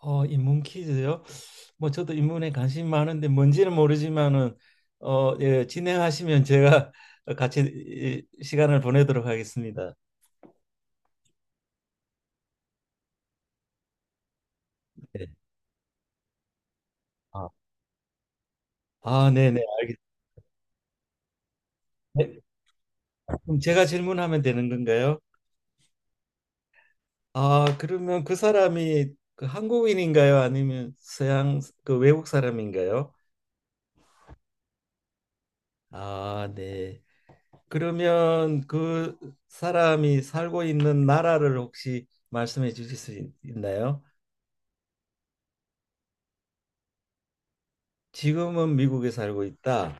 인문 퀴즈요? 뭐 저도 인문에 관심 많은데 뭔지는 모르지만은 예, 진행하시면 제가 같이 시간을 보내도록 하겠습니다. 네. 아, 아, 네, 네, 알겠습니다. 네, 그럼 제가 질문하면 되는 건가요? 아, 그러면 그 사람이 그 한국인인가요? 아니면 서양 그 외국 사람인가요? 아, 네. 그러면 그 사람이 살고 있는 나라를 혹시 말씀해 주실 수 있나요? 지금은 미국에 살고 있다.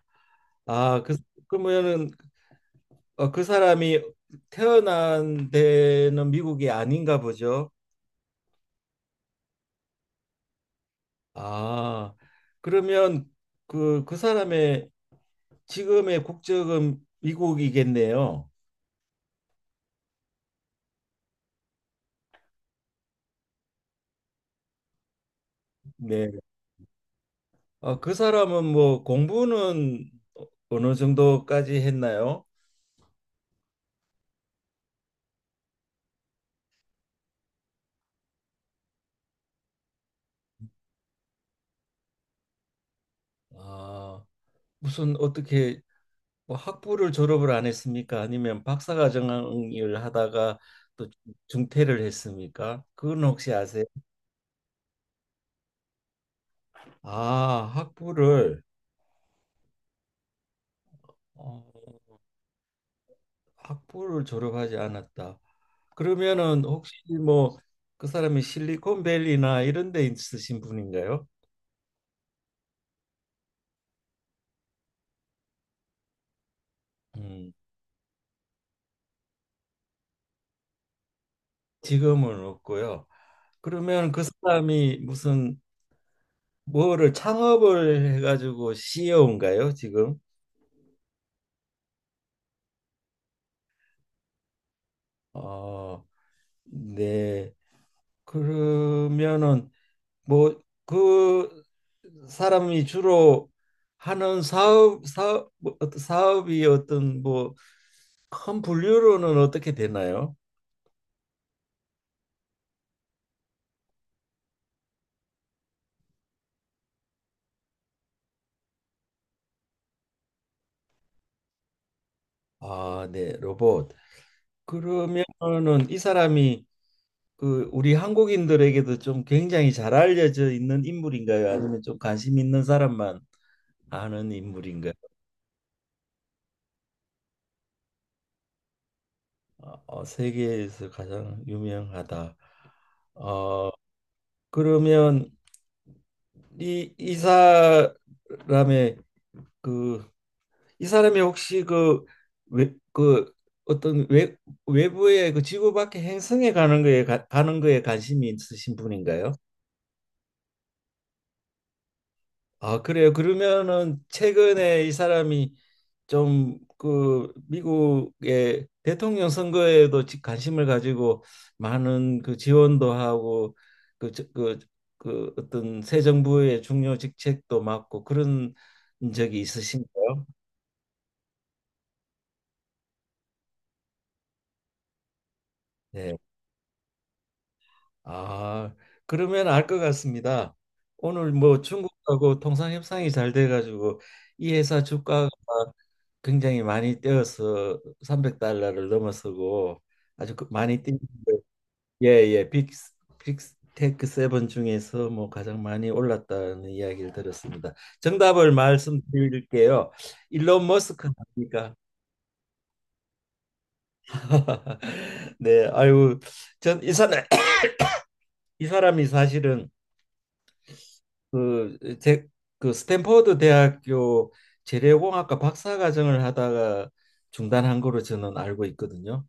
아, 그 그러면은 그 사람이 태어난 데는 미국이 아닌가 보죠. 아, 그러면 그 사람의 지금의 국적은 미국이겠네요. 네. 아, 그 사람은 뭐 공부는 어느 정도까지 했나요? 아, 무슨 어떻게 뭐 학부를 졸업을 안 했습니까? 아니면 박사과정을 하다가 또 중퇴를 했습니까? 그건 혹시 아세요? 아, 학부를 어, 학부를 졸업하지 않았다. 그러면은 혹시 뭐 그 사람이 실리콘밸리나 이런 데 있으신 분인가요? 음, 지금은 없고요. 그러면 그 사람이 무슨 뭐를 창업을 해가지고 CEO인가요, 지금? 어, 네. 그러면은 뭐 그 사람이 주로 하는 사업 뭐 어떤 사업이 어떤 뭐 큰 분류로는 어떻게 되나요? 아, 네, 로봇. 그러면은 이 사람이 그 우리 한국인들에게도 좀 굉장히 잘 알려져 있는 인물인가요? 아니면 좀 관심 있는 사람만 아는 인물인가요? 어, 어, 세계에서 가장 유명하다. 어, 그러면 이 사람의 그 이 사람이 혹시 그, 외, 그 어떤 외, 외부의 그 지구 밖의 행성에 가는 거에 가는 거에 관심이 있으신 분인가요? 아, 그래요. 그러면은 최근에 이 사람이 좀 그 미국의 대통령 선거에도 관심을 가지고 많은 그 지원도 하고 그, 저- 그, 그 어떤 새 정부의 중요 직책도 맡고 그런 적이 있으신가요? 네. 아, 그러면 알 것 같습니다. 오늘 뭐 중국하고 통상 협상이 잘 돼가지고 이 회사 주가가 굉장히 많이 뛰어서 300달러를 넘어서고 아주 많이 뛰는 예예 빅 빅테크 세븐 중에서 뭐 가장 많이 올랐다는 이야기를 들었습니다. 정답을 말씀드릴게요. 일론 머스크 아닙니까? 네, 아유 전 이 사람 이 사람이 사실은 그, 제, 그 스탠퍼드 대학교 재료공학과 박사과정을 하다가 중단한 거로 저는 알고 있거든요.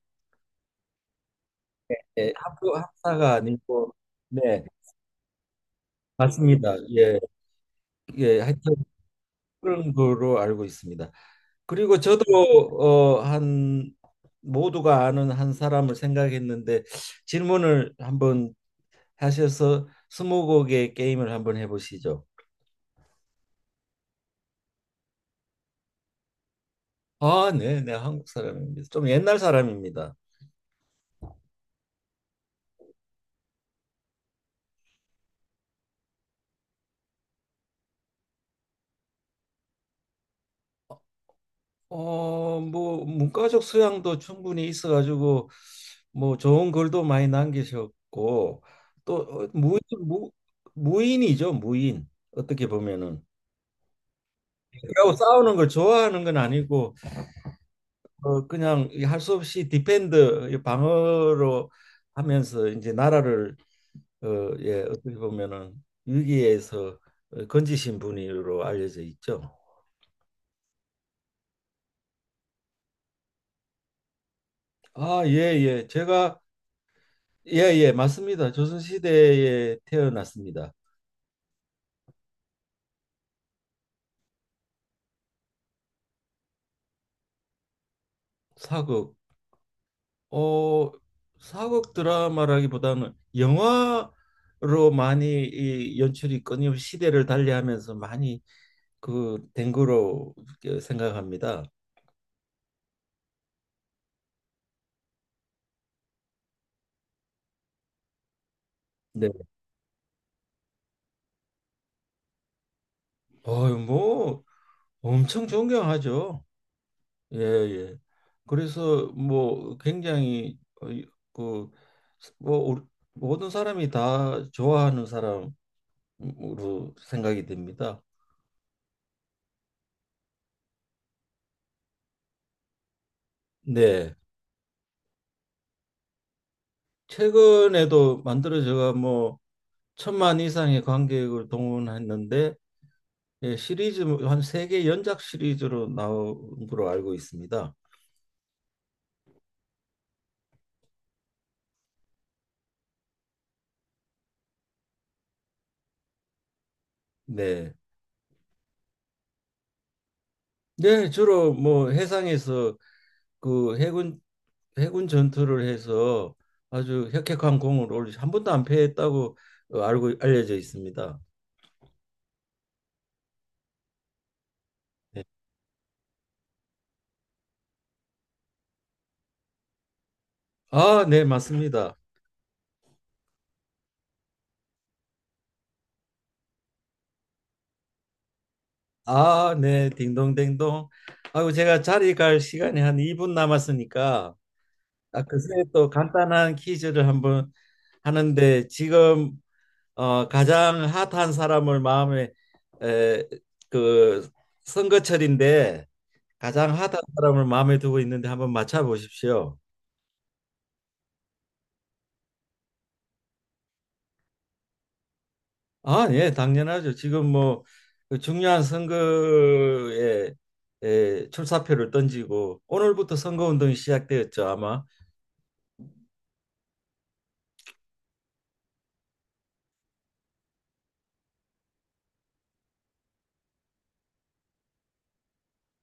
예, 학교 학사가 아니고, 네, 맞습니다. 예, 예, 하여튼 그런 거로 알고 있습니다. 그리고 저도 한 모두가 아는 한 사람을 생각했는데 질문을 한번 하셔서 스무고개 게임을 한번 해보시죠. 아, 네, 네, 한국 사람입니다. 좀 옛날 사람입니다. 뭐 문과적 소양도 충분히 있어가지고 뭐 좋은 글도 많이 남기셨고 또 무인이죠 무인 어떻게 보면은 그리고 싸우는 걸 좋아하는 건 아니고 그냥 할 수 없이 디펜드 이 방어로 하면서 이제 나라를 어, 예 어떻게 보면은 위기에서 건지신 분으로 알려져 있죠. 아, 예, 예. 제가 예, 예, 맞습니다. 조선시대에 태어났습니다. 사극, 어, 사극 드라마라기보다는 영화로 많이 이 연출이 끊임없이 시대를 달리하면서 많이 그 된 거로 그 생각합니다. 네. 어유, 뭐 엄청 존경하죠. 예, 예. 그래서 뭐 굉장히 그 뭐, 모든 사람이 다 좋아하는 사람으로 생각이 됩니다. 네. 최근에도 만들어져가 뭐 천만 이상의 관객을 동원했는데 예, 시리즈 뭐 한세 개 연작 시리즈로 나온 걸로 알고 있습니다. 네. 네, 주로 뭐 해상에서 그 해군 전투를 해서 아주 혁혁한 공을 올리 한 번도 안 패했다고 알고 알려져 있습니다. 네. 아, 네, 맞습니다. 아, 네, 딩동댕동. 아이고 제가 자리 갈 시간이 한 2분 남았으니까 아, 글쎄 또 간단한 퀴즈를 한번 하는데 지금 가장 핫한 사람을 마음에 에, 그 선거철인데 가장 핫한 사람을 마음에 두고 있는데 한번 맞춰 보십시오. 아, 예, 당연하죠. 지금 뭐그 중요한 선거에 에, 출사표를 던지고 오늘부터 선거 운동이 시작되었죠, 아마.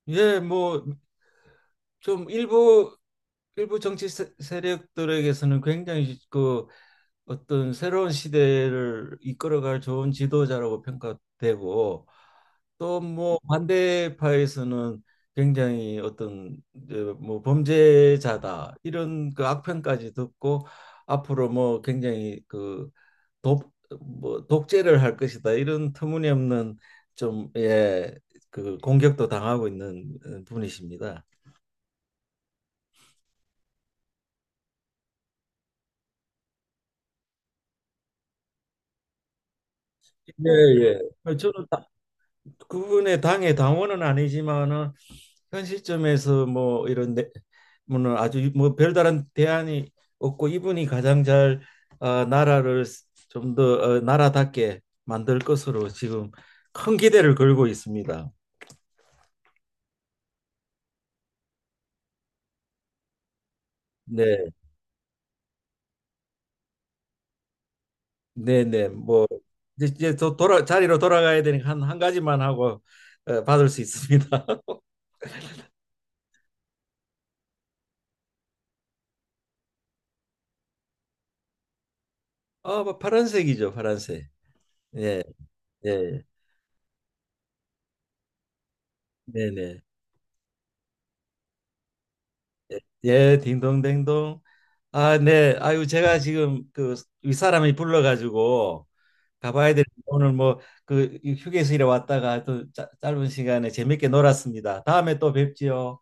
예, 뭐 좀 일부 일부 정치 세력들에게서는 굉장히 그 어떤 새로운 시대를 이끌어갈 좋은 지도자라고 평가되고 또 뭐 반대파에서는 굉장히 어떤 이제 뭐 범죄자다 이런 그 악평까지 듣고 앞으로 뭐 굉장히 그 독 뭐 독재를 할 것이다 이런 터무니없는 좀 예 그 공격도 당하고 있는 분이십니다. 예, 예. 저는 그분의 당의 당원은 아니지만은 현 시점에서 뭐 이런 뭐는 아주 뭐 별다른 대안이 없고 이분이 가장 잘 나라를 좀 더 나라답게 만들 것으로 지금 큰 기대를 걸고 있습니다. 네, 네, 네. 뭐 이제 또 돌아 자리로 돌아가야 되니까 한 가지만 하고 받을 수 있습니다. 아, 뭐 파란색이죠, 파란색. 네, 네, 네, 네. 예, 딩동댕동. 아, 네. 아유, 제가 지금 그 윗사람이 불러가지고 가봐야 될 오늘 뭐 그 휴게실에 왔다가 또 짧은 시간에 재밌게 놀았습니다. 다음에 또 뵙지요.